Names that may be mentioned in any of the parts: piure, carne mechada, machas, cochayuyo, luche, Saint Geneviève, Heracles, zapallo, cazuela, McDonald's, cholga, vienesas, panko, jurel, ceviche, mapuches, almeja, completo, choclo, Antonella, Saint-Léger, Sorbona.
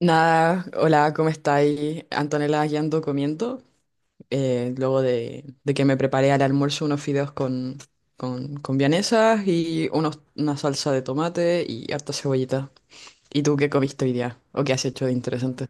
Nada, hola, ¿cómo estáis? Antonella, aquí ando comiendo. Luego de que me preparé al almuerzo unos fideos con vienesas y una salsa de tomate y harta cebollita. ¿Y tú qué comiste hoy día? ¿O qué has hecho de interesante?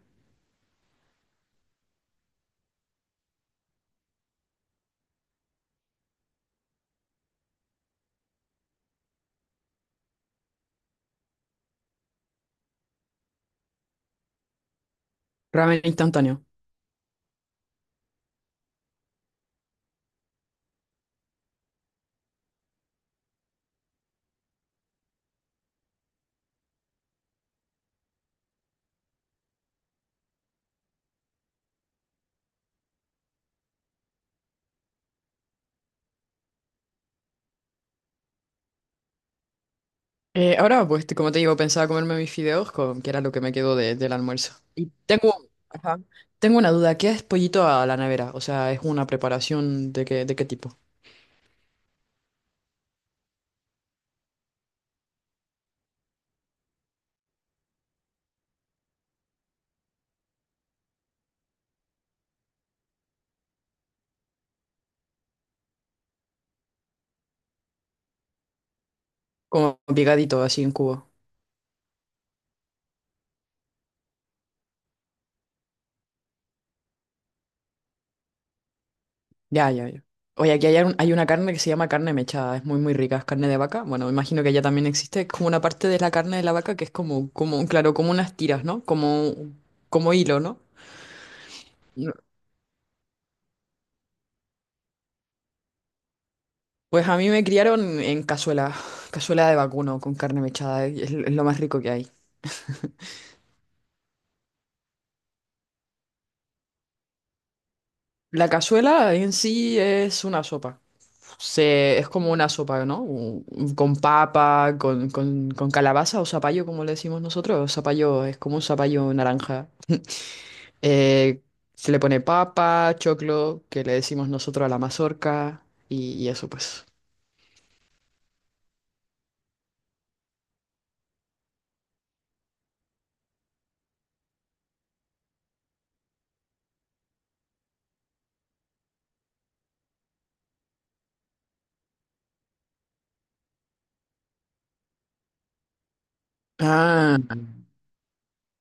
Ramen instantáneo. Ahora, pues, como te digo, pensaba comerme mis fideos, con, que era lo que me quedó del almuerzo. Y tengo, ajá, tengo una duda, ¿qué es pollito a la nevera? O sea, ¿es una preparación de qué tipo? Como picadito, así en cubo. Ya, ya, ya. Oye, aquí hay, hay una carne que se llama carne mechada, es muy, muy rica, es carne de vaca. Bueno, imagino que allá también existe, es como una parte de la carne de la vaca que es como, como, claro, como unas tiras, ¿no? Como, como hilo, ¿no? No, pues a mí me criaron en cazuela, cazuela de vacuno con carne mechada, es lo más rico que hay. La cazuela en sí es una sopa, se, es como una sopa, ¿no? Con papa, con calabaza o zapallo, como le decimos nosotros, zapallo, es como un zapallo naranja. Eh, Se le pone papa, choclo, que le decimos nosotros a la mazorca, y eso pues. Ah,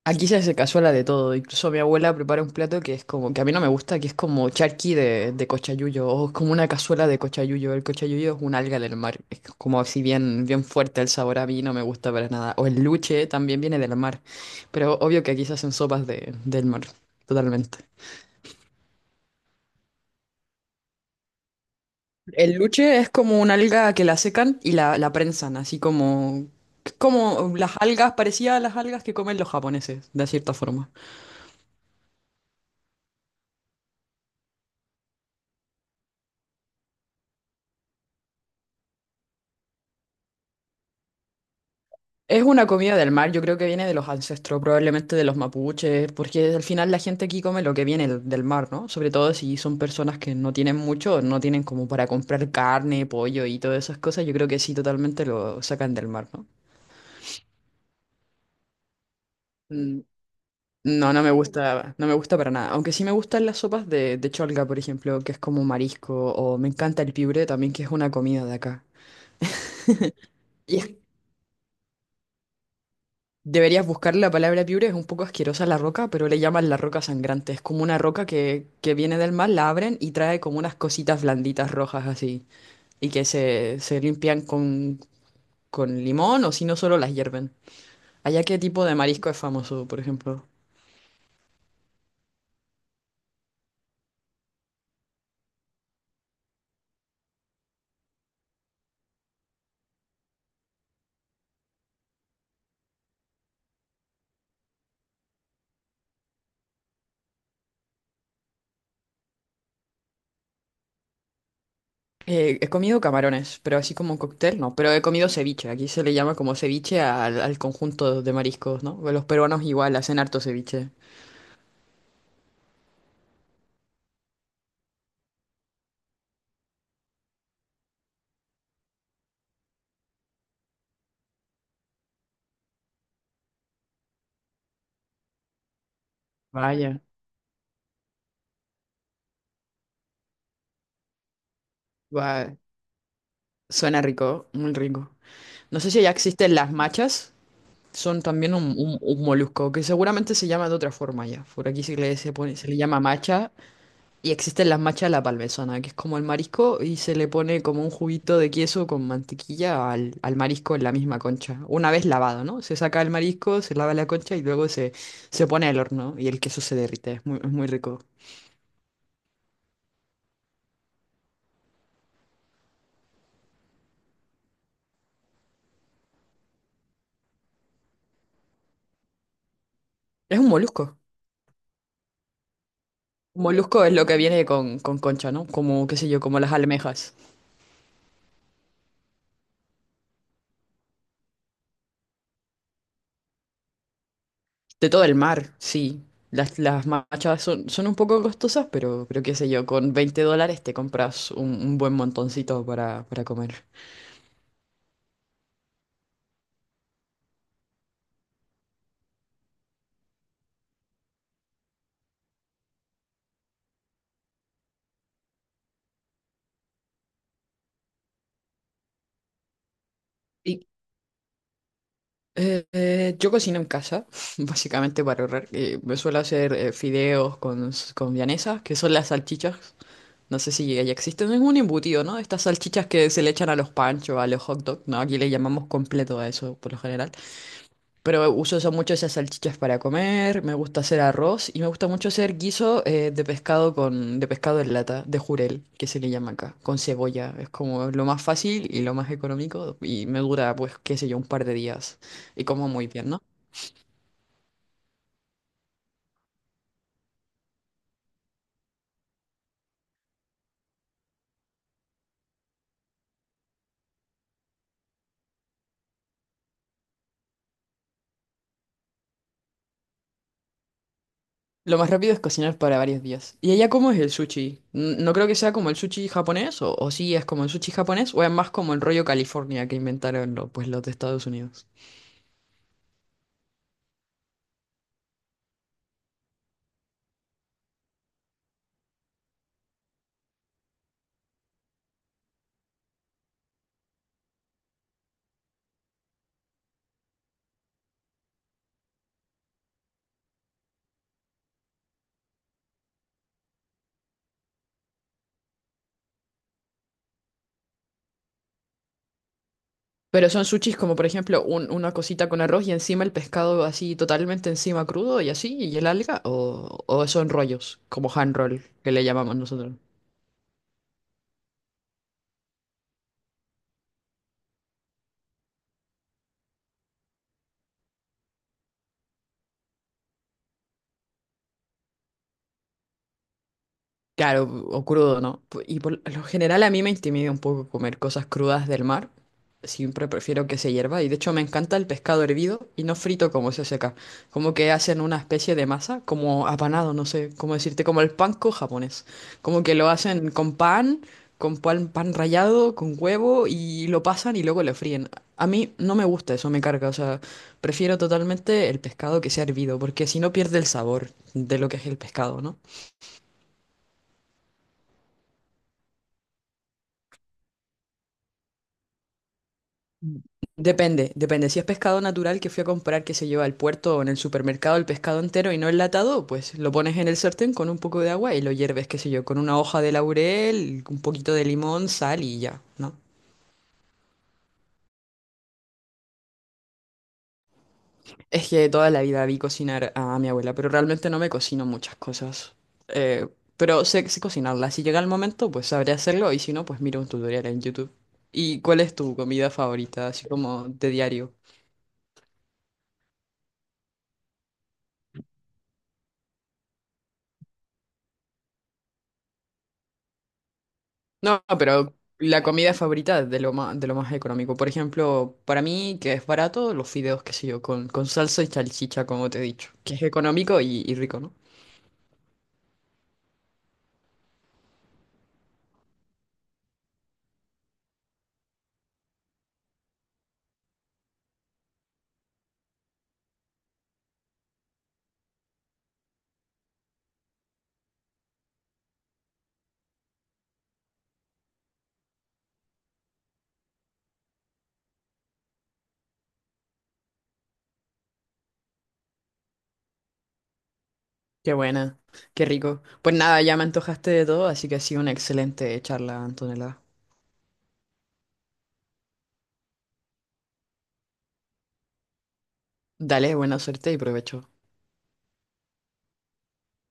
aquí se hace cazuela de todo. Incluso mi abuela prepara un plato que es como, que a mí no me gusta, que es como charqui de cochayuyo, o es como una cazuela de cochayuyo. El cochayuyo es un alga del mar, es como así bien, bien fuerte el sabor, a mí no me gusta para nada. O el luche también viene del mar, pero obvio que aquí se hacen sopas de, del mar, totalmente. El luche es como una alga que la secan y la prensan, así como, como las algas, parecía a las algas que comen los japoneses, de cierta forma. Es una comida del mar, yo creo que viene de los ancestros, probablemente de los mapuches, porque al final la gente aquí come lo que viene del mar, ¿no? Sobre todo si son personas que no tienen mucho, no tienen como para comprar carne, pollo y todas esas cosas, yo creo que sí, totalmente lo sacan del mar, ¿no? Mm, no, no me gusta, no me gusta para nada. Aunque sí me gustan las sopas de cholga, por ejemplo, que es como marisco, o me encanta el piure también, que es una comida de acá. Y es- Deberías buscar la palabra piure, es un poco asquerosa la roca, pero le llaman la roca sangrante. Es como una roca que viene del mar, la abren y trae como unas cositas blanditas rojas así, y que se limpian con limón o si no solo las hierven. ¿Allá qué tipo de marisco es famoso, por ejemplo? He comido camarones, pero así como cóctel, no. Pero he comido ceviche. Aquí se le llama como ceviche al conjunto de mariscos, ¿no? Los peruanos igual hacen harto ceviche. Vaya. Va, suena rico, muy rico. No sé si ya existen las machas. Son también un molusco que seguramente se llama de otra forma ya. Por aquí se pone, se le llama macha. Y existen las machas a la parmesana, que es como el marisco y se le pone como un juguito de queso con mantequilla al marisco en la misma concha. Una vez lavado, ¿no? Se saca el marisco, se lava la concha y luego se pone al horno y el queso se derrite. Es muy rico. Es un molusco. Un molusco es lo que viene con concha, ¿no? Como, qué sé yo, como las almejas. De todo el mar, sí. Las machas son, son un poco costosas, pero qué sé yo, con 20 dólares te compras un buen montoncito para comer. ¿Y, yo cocino en casa, básicamente para ahorrar. Me suelo hacer fideos con, con vienesas, que son las salchichas. No sé si ya existen. Es un embutido, ¿no? Estas salchichas que se le echan a los panchos, a los hot dogs, ¿no? Aquí le llamamos completo a eso, por lo general. Pero uso eso mucho, esas salchichas para comer, me gusta hacer arroz y me gusta mucho hacer guiso de pescado con, de pescado en lata, de jurel, que se le llama acá, con cebolla. Es como lo más fácil y lo más económico y me dura, pues, qué sé yo, un par de días. Y como muy bien, ¿no? Lo más rápido es cocinar para varios días. ¿Y allá cómo es el sushi? No creo que sea como el sushi japonés, o sí es como el sushi japonés, o es más como el rollo California que inventaron pues, los de Estados Unidos. Pero son sushis como, por ejemplo, una cosita con arroz y encima el pescado así totalmente encima crudo y así, y el alga, o son rollos, como hand roll, que le llamamos nosotros. Claro, o crudo, ¿no? Y por lo general a mí me intimida un poco comer cosas crudas del mar. Siempre prefiero que se hierva. Y de hecho me encanta el pescado hervido y no frito como se hace acá. Como que hacen una especie de masa, como apanado, no sé cómo decirte, como el panko japonés. Como que lo hacen con pan, pan rallado, con huevo y lo pasan y luego lo fríen. A mí no me gusta eso, me carga. O sea, prefiero totalmente el pescado que sea hervido, porque si no pierde el sabor de lo que es el pescado, ¿no? Depende, depende. Si es pescado natural que fui a comprar, que se lleva al puerto o en el supermercado el pescado entero y no enlatado, pues lo pones en el sartén con un poco de agua y lo hierves, qué sé yo, con una hoja de laurel, un poquito de limón, sal y ya, ¿no? Es que toda la vida vi cocinar a mi abuela, pero realmente no me cocino muchas cosas. Eh, pero sé, sé cocinarla. Si llega el momento, pues sabré hacerlo y si no, pues miro un tutorial en YouTube. ¿Y cuál es tu comida favorita, así como de diario? No, pero la comida favorita de lo más económico. Por ejemplo, para mí, que es barato, los fideos, qué sé yo, con salsa y salchicha, como te he dicho. Que es económico y rico, ¿no? Qué buena, qué rico. Pues nada, ya me antojaste de todo, así que ha sido una excelente charla, Antonella. Dale, buena suerte y provecho.